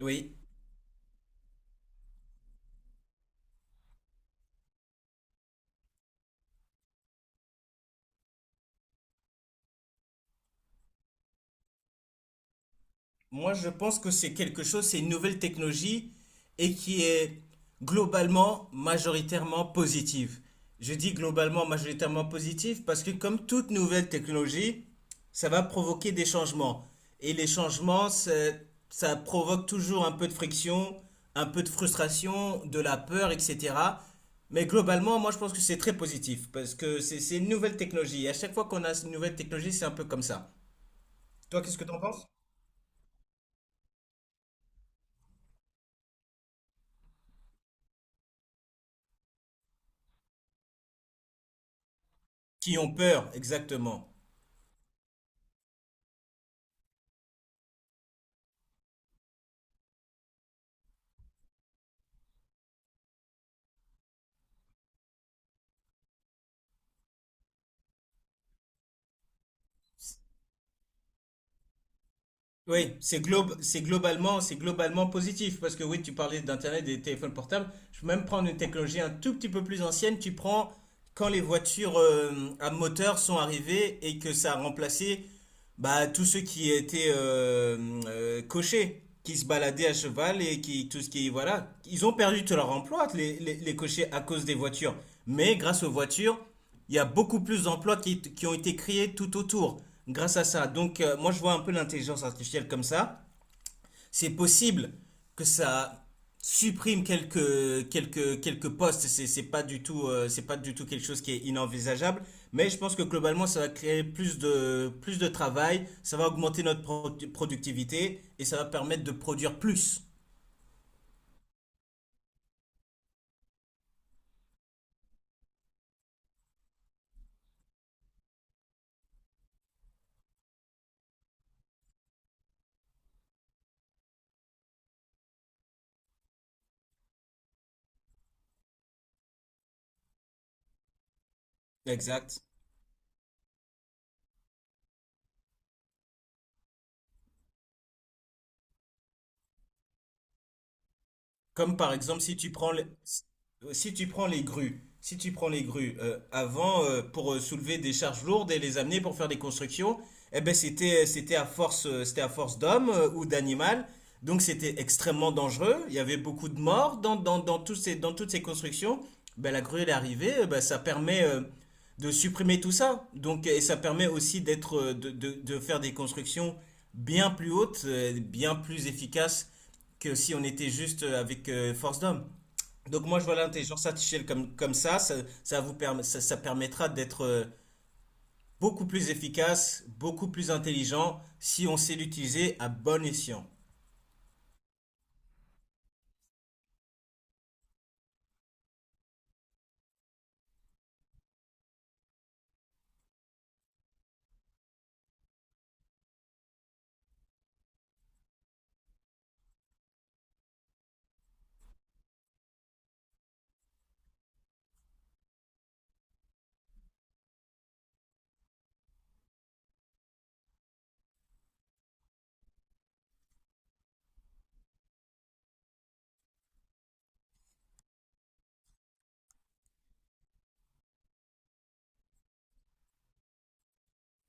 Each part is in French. Oui, moi je pense que c'est quelque chose, c'est une nouvelle technologie et qui est globalement majoritairement positive. Je dis globalement majoritairement positive parce que comme toute nouvelle technologie, ça va provoquer des changements. Et les changements, ça provoque toujours un peu de friction, un peu de frustration, de la peur, etc. Mais globalement, moi je pense que c'est très positif parce que c'est une nouvelle technologie. Et à chaque fois qu'on a une nouvelle technologie, c'est un peu comme ça. Toi, qu'est-ce que t'en penses? Qui ont peur, exactement. Oui, c'est globalement positif parce que oui, tu parlais d'internet et des téléphones portables. Je peux même prendre une technologie un tout petit peu plus ancienne. Tu prends quand les voitures à moteur sont arrivées et que ça a remplacé bah, tous ceux qui étaient cochers, qui se baladaient à cheval et qui tout ce qui voilà, ils ont perdu tout leur emploi les cochers à cause des voitures. Mais grâce aux voitures, il y a beaucoup plus d'emplois qui ont été créés tout autour grâce à ça. Donc, moi, je vois un peu l'intelligence artificielle comme ça. C'est possible que ça supprime quelques postes. C'est pas du tout quelque chose qui est inenvisageable. Mais je pense que globalement, ça va créer plus de travail. Ça va augmenter notre productivité et ça va permettre de produire plus. Exact. Comme par exemple, si tu prends les grues, si tu prends les grues, avant, pour soulever des charges lourdes et les amener pour faire des constructions, eh ben c'était à force d'hommes ou d'animal, donc c'était extrêmement dangereux. Il y avait beaucoup de morts dans dans dans tous ces dans toutes ces constructions. Ben la grue elle est arrivée, ben, ça permet de supprimer tout ça. Donc et ça permet aussi d'être de faire des constructions bien plus hautes, bien plus efficaces que si on était juste avec force d'homme. Donc moi je vois l'intelligence artificielle comme ça, ça permettra d'être beaucoup plus efficace, beaucoup plus intelligent si on sait l'utiliser à bon escient.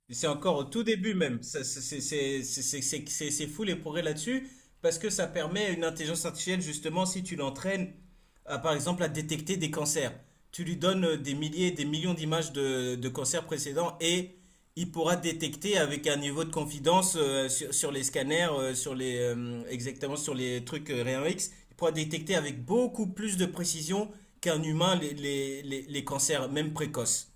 C'est encore au tout début même. Ça, c'est fou les progrès là-dessus, parce que ça permet à une intelligence artificielle, justement, si tu l'entraînes, à, par exemple, à détecter des cancers. Tu lui donnes des milliers, des millions d'images de cancers précédents et il pourra détecter avec un niveau de confidence sur les scanners, exactement sur les trucs rayon X, il pourra détecter avec beaucoup plus de précision qu'un humain les cancers, même précoces.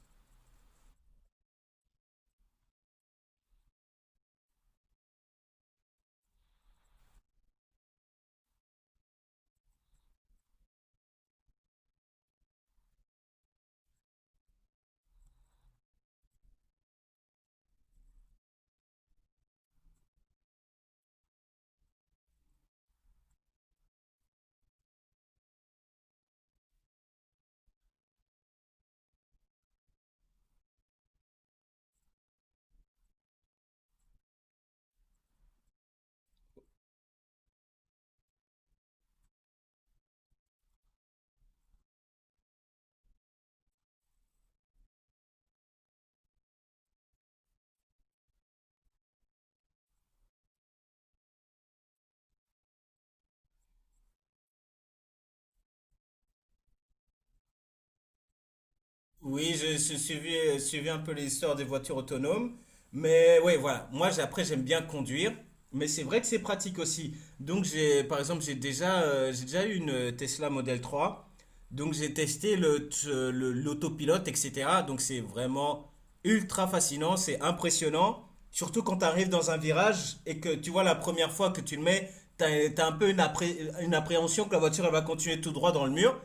Oui, je suivi un peu l'histoire des voitures autonomes. Mais ouais, voilà. Moi, après, j'aime bien conduire. Mais c'est vrai que c'est pratique aussi. Donc, par exemple, j'ai déjà eu une Tesla Model 3. Donc j'ai testé le, l'autopilote, etc. Donc c'est vraiment ultra fascinant, c'est impressionnant. Surtout quand tu arrives dans un virage et que tu vois la première fois que tu le mets, tu as, as un peu une appréhension que la voiture elle va continuer tout droit dans le mur.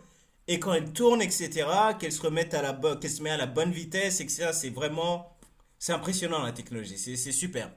Et quand elle tourne, etc., qu'elle se met à la bonne vitesse, etc., c'est vraiment. C'est impressionnant la technologie, c'est super.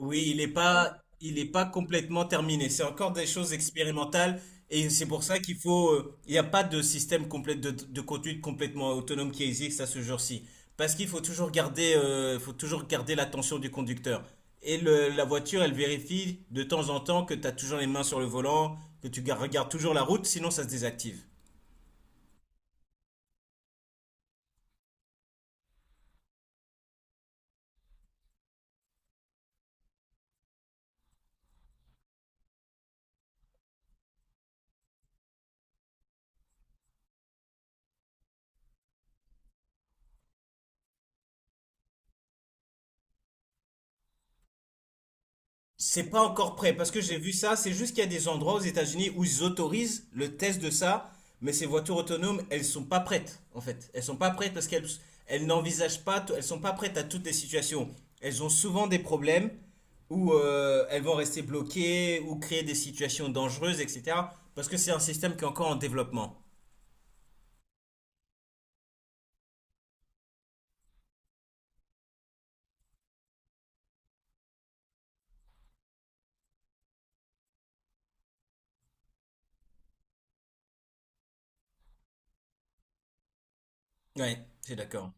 Oui, il est pas complètement terminé. C'est encore des choses expérimentales et c'est pour ça il n'y a pas de système complet de conduite complètement autonome qui existe à ce jour-ci. Parce qu'il faut toujours garder l'attention du conducteur. Et la voiture, elle vérifie de temps en temps que tu as toujours les mains sur le volant, que tu regardes toujours la route, sinon ça se désactive. C'est pas encore prêt parce que j'ai vu ça. C'est juste qu'il y a des endroits aux États-Unis où ils autorisent le test de ça, mais ces voitures autonomes, elles sont pas prêtes en fait. Elles sont pas prêtes parce qu'elles elles n'envisagent pas, elles sont pas prêtes à toutes les situations. Elles ont souvent des problèmes où elles vont rester bloquées ou créer des situations dangereuses, etc. Parce que c'est un système qui est encore en développement. Ouais, c'est d'accord.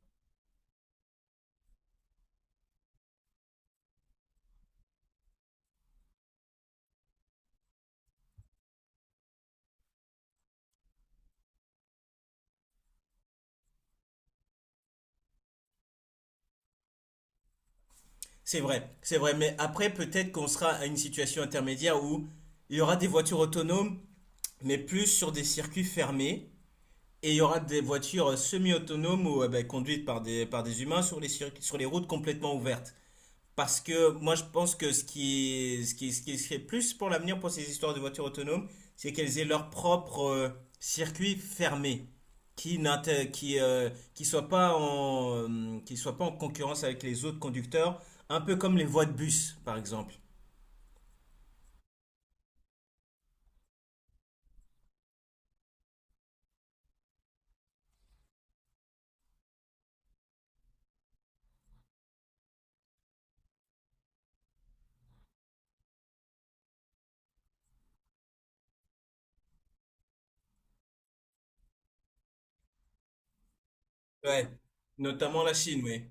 C'est vrai, mais après peut-être qu'on sera à une situation intermédiaire où il y aura des voitures autonomes, mais plus sur des circuits fermés, et il y aura des voitures semi-autonomes ou ben, conduites par des humains sur les routes complètement ouvertes. Parce que moi, je pense que ce qui est, ce qui serait plus pour l'avenir pour ces histoires de voitures autonomes, c'est qu'elles aient leur propre circuit fermé, qui soit pas en concurrence avec les autres conducteurs, un peu comme les voies de bus, par exemple. Ouais, notamment la Chine, oui.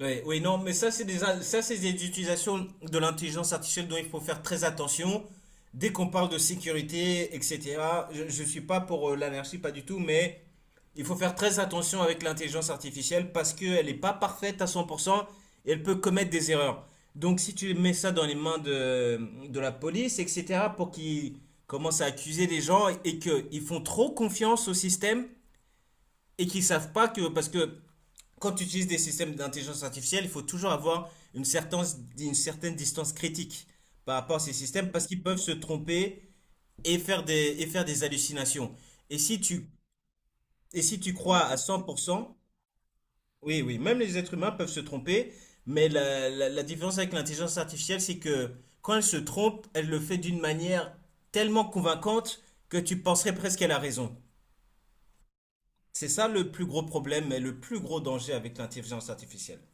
Oui, oui, non, mais ça, c'est des utilisations de l'intelligence artificielle dont il faut faire très attention. Dès qu'on parle de sécurité, etc., je ne suis pas pour l'anarchie, pas du tout, mais il faut faire très attention avec l'intelligence artificielle parce qu'elle n'est pas parfaite à 100% et elle peut commettre des erreurs. Donc, si tu mets ça dans les mains de la police, etc., pour qu'ils commencent à accuser des gens et qu'ils font trop confiance au système et qu'ils savent pas que, parce que quand tu utilises des systèmes d'intelligence artificielle, il faut toujours avoir une certaine distance critique par rapport à ces systèmes parce qu'ils peuvent se tromper et faire des hallucinations. Et si tu, et si tu crois à 100%, oui, oui, même les êtres humains peuvent se tromper, mais la différence avec l'intelligence artificielle, c'est que quand elle se trompe, elle le fait d'une manière tellement convaincante que tu penserais presque qu'elle a raison. C'est ça le plus gros problème et le plus gros danger avec l'intelligence artificielle.